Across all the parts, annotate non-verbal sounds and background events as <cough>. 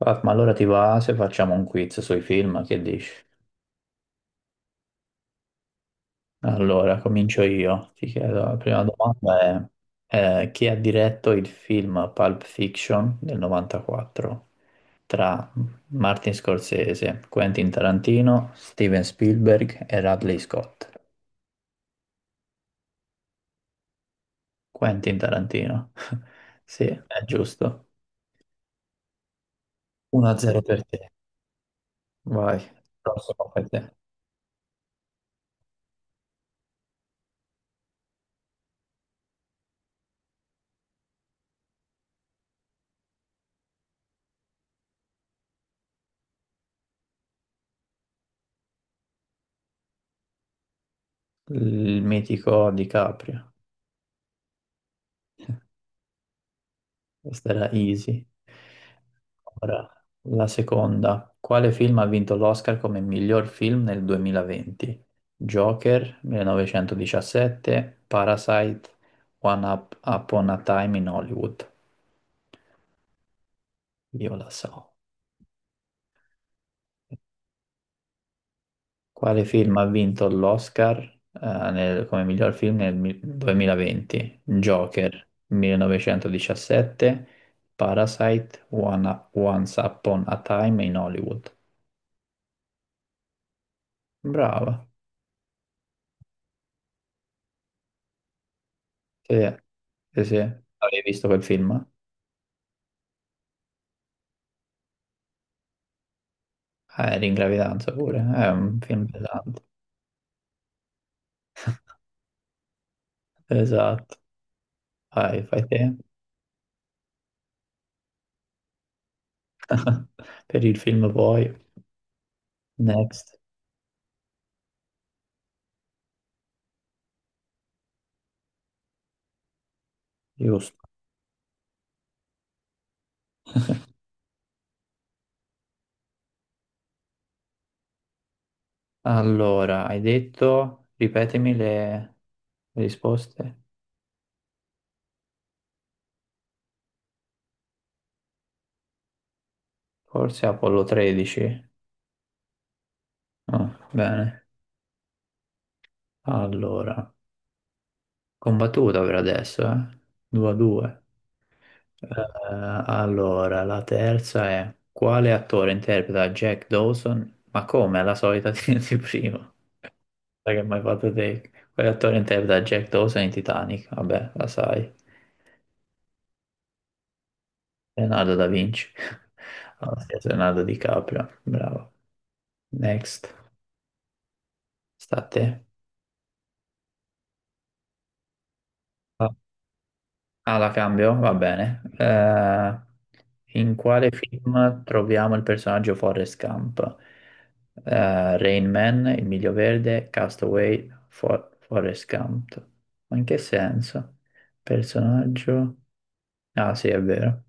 Ah, ma allora ti va se facciamo un quiz sui film, che dici? Allora, comincio io. Ti chiedo, la prima domanda è, chi ha diretto il film Pulp Fiction del 94 tra Martin Scorsese, Quentin Tarantino, Steven Spielberg e Ridley Scott? Quentin Tarantino. <laughs> Sì, è giusto. 1-0 per te. Vai, prossimo per te. Il mitico DiCaprio. Questa era easy. Ora, la seconda. Quale film ha vinto l'Oscar come miglior film nel 2020? Joker 1917, Parasite, Upon a Time in Hollywood. Io la so. Quale film ha vinto l'Oscar come miglior film 2020? Joker 1917, Parasite, Once Upon a Time in Hollywood. Brava. Sì. Sì, sì. Avevi visto quel film? L'ingravidanza pure, è un film pesante. Esatto, vai, fai te. <laughs> Per il film poi, next, giusto. Allora, hai detto, ripetemi le risposte. Forse Apollo 13. Ah, bene. Allora, combattuta per adesso, eh? 2-2. Allora, la terza è: quale attore interpreta Jack Dawson? Ma come, è la solita <laughs> di prima. Sai che mi hai fatto te? Quell'attore interpreta Jack Dawson in Titanic, vabbè, la sai. Leonardo da Vinci. <laughs> Allora, sì, Leonardo DiCaprio, bravo. Next, sta a te. Ah, la cambio? Va bene. In quale film troviamo il personaggio Forrest Gump? Rain Man, Il Miglio Verde, Castaway, Forrest Gump. Ma in che senso? Personaggio? Ah, sì, è vero.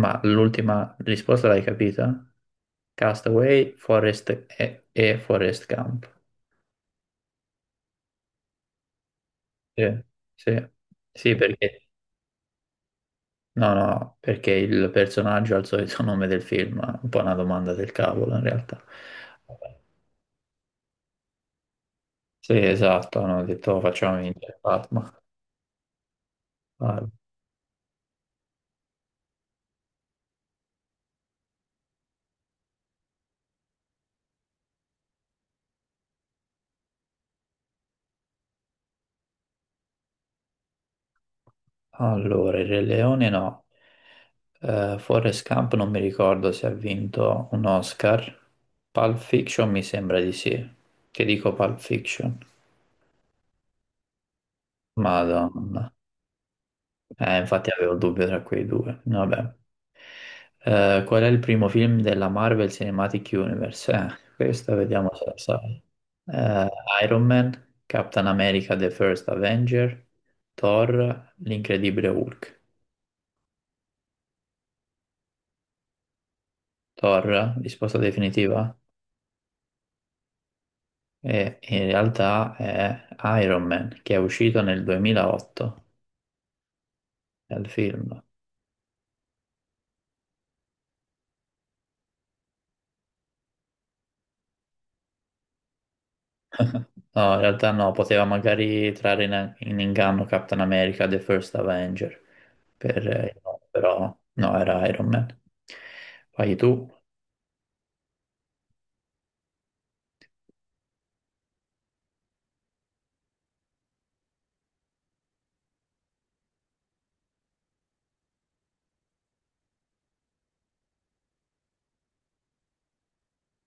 Ma l'ultima risposta l'hai capita? Castaway, Forest e Forest Gump. Sì, sì, sì, perché, no, no, perché il personaggio ha il solito <laughs> nome del film, è un po' una domanda del cavolo in realtà. Sì, esatto, hanno detto "Oh, facciamo vincere Fatma. Al- Allora, il Re Leone no. Forrest Gump non mi ricordo se ha vinto un Oscar. Pulp Fiction mi sembra di sì. Che dico Pulp Fiction? Madonna. Infatti avevo il dubbio tra quei due. Vabbè. Qual è il primo film della Marvel Cinematic Universe? Questo vediamo se lo sai. Eh, Iron Man, Captain America The First Avenger, Thor, l'Incredibile Hulk. Thor, risposta definitiva? E in realtà è Iron Man, che è uscito nel 2008, è il film. No, in realtà no, poteva magari trarre in inganno Captain America The First Avenger. Per, no, però no, era Iron Man. Poi tu,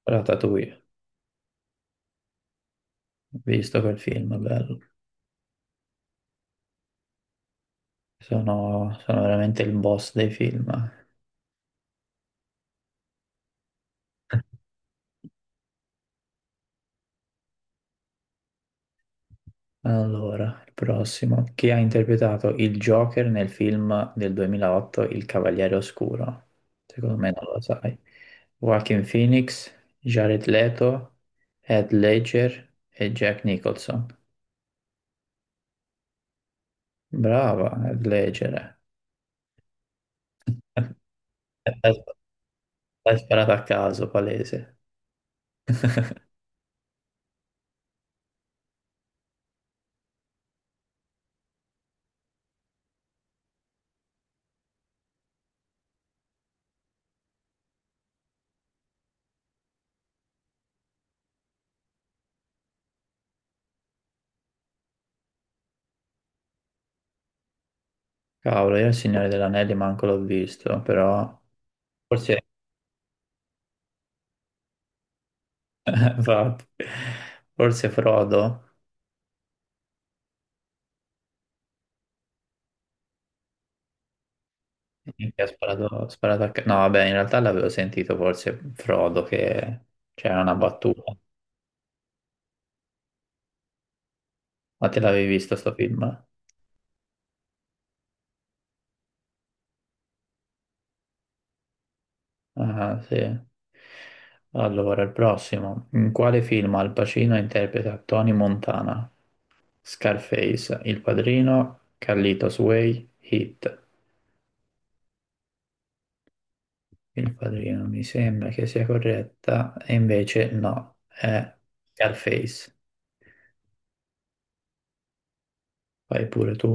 Ratatouille, ho visto quel film, bello. Sono veramente il boss dei film. Allora, il prossimo. Chi ha interpretato il Joker nel film del 2008, Il Cavaliere Oscuro? Secondo me non lo sai. Joaquin Phoenix, Jared Leto, Heath Ledger e Jack Nicholson. Brava, Heath Ledger. <laughs> L'hai l'hai sparato a caso, palese. <laughs> Cavolo, io il Signore degli Anelli manco l'ho visto, però forse, <laughs> infatti, forse Frodo che ha sparato a... ca- No, vabbè, in realtà l'avevo sentito forse Frodo che c'era una battuta. Ma te l'avevi visto sto film? Ah, sì. Allora, il prossimo. In quale film Al Pacino interpreta Tony Montana? Scarface, Il Padrino, Carlitos Way, Hit. Il Padrino mi sembra che sia corretta, e invece no, è Scarface. Fai pure tu,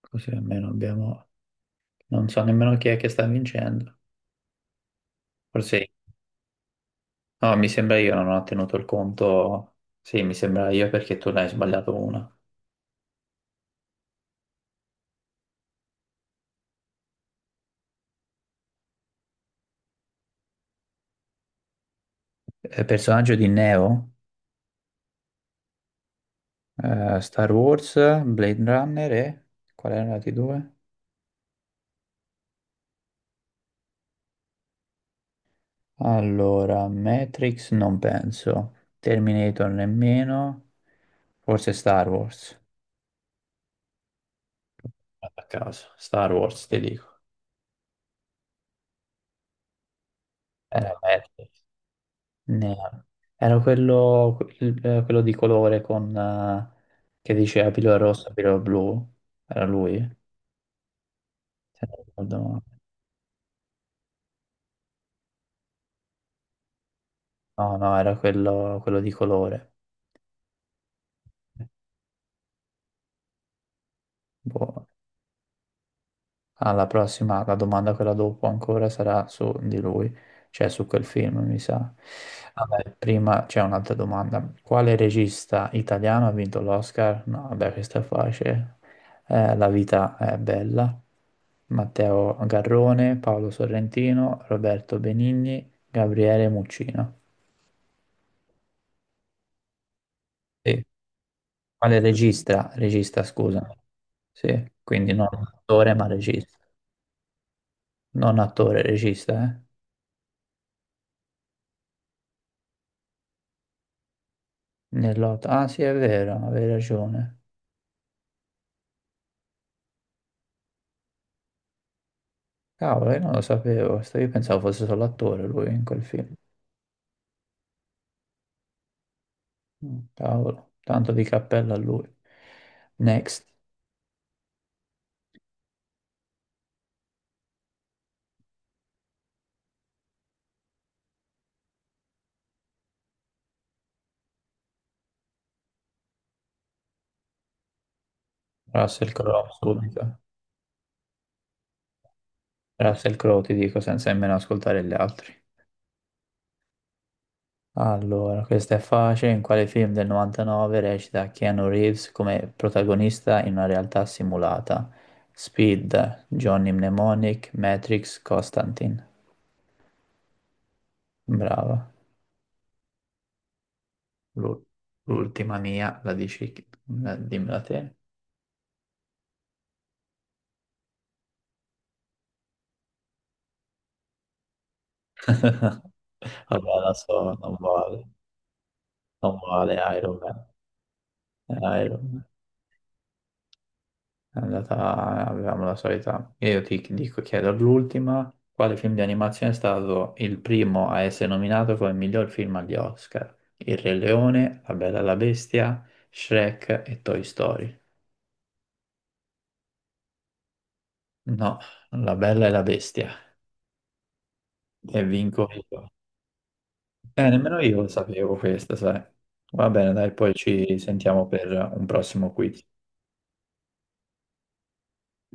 così almeno abbiamo... Non so nemmeno chi è che sta vincendo. Forse... No, mi sembra io, non ho tenuto il conto... Sì, mi sembra io perché tu ne hai sbagliato una. Personaggio di Neo, Star Wars, Blade Runner e... Qual erano i due? Allora, Matrix non penso, Terminator nemmeno, forse Star Wars. A caso, Star Wars, ti dico. Mm. Era bello. Ne- Era quello, quello di colore con, che diceva pillola rossa, pillola blu. Era lui? Se non ricordo male. No, no, era quello, quello di colore. Boh. Alla prossima, la domanda quella dopo ancora sarà su di lui, cioè su quel film, mi sa. Vabbè, prima c'è un'altra domanda. Quale regista italiano ha vinto l'Oscar? No, vabbè, questa è facile. La vita è bella. Matteo Garrone, Paolo Sorrentino, Roberto Benigni, Gabriele Muccino. Sì. Quale regista? Regista, scusa. Sì, quindi non attore, ma regista. Non attore, regista, eh? Nell'otto. Ah, sì, è vero, avevi ragione. Cavolo, io non lo sapevo. Sto- Io pensavo fosse solo attore lui in quel film. Mm, cavolo, tanto di cappello a lui. Next, Russell Crowe, subito. Russell Crowe, ti dico, senza nemmeno ascoltare gli altri. Allora, questa è facile. In quale film del 99 recita Keanu Reeves come protagonista in una realtà simulata? Speed, Johnny Mnemonic, Matrix, Constantine. Bravo. L'u- L'ultima mia, la dici, dimmela te. <laughs> Vabbè, la so, non vale, non vale Iron Man. È Iron Man. È andata, avevamo la solita. Io ti dico, chiedo l'ultima: quale film di animazione è stato il primo a essere nominato come miglior film agli Oscar? Il Re Leone, La Bella e la Bestia, Shrek e Toy Story. No, La Bella e la Bestia. E vinco io. Nemmeno io lo sapevo questo, sai. Va bene, dai, poi ci sentiamo per un prossimo quiz.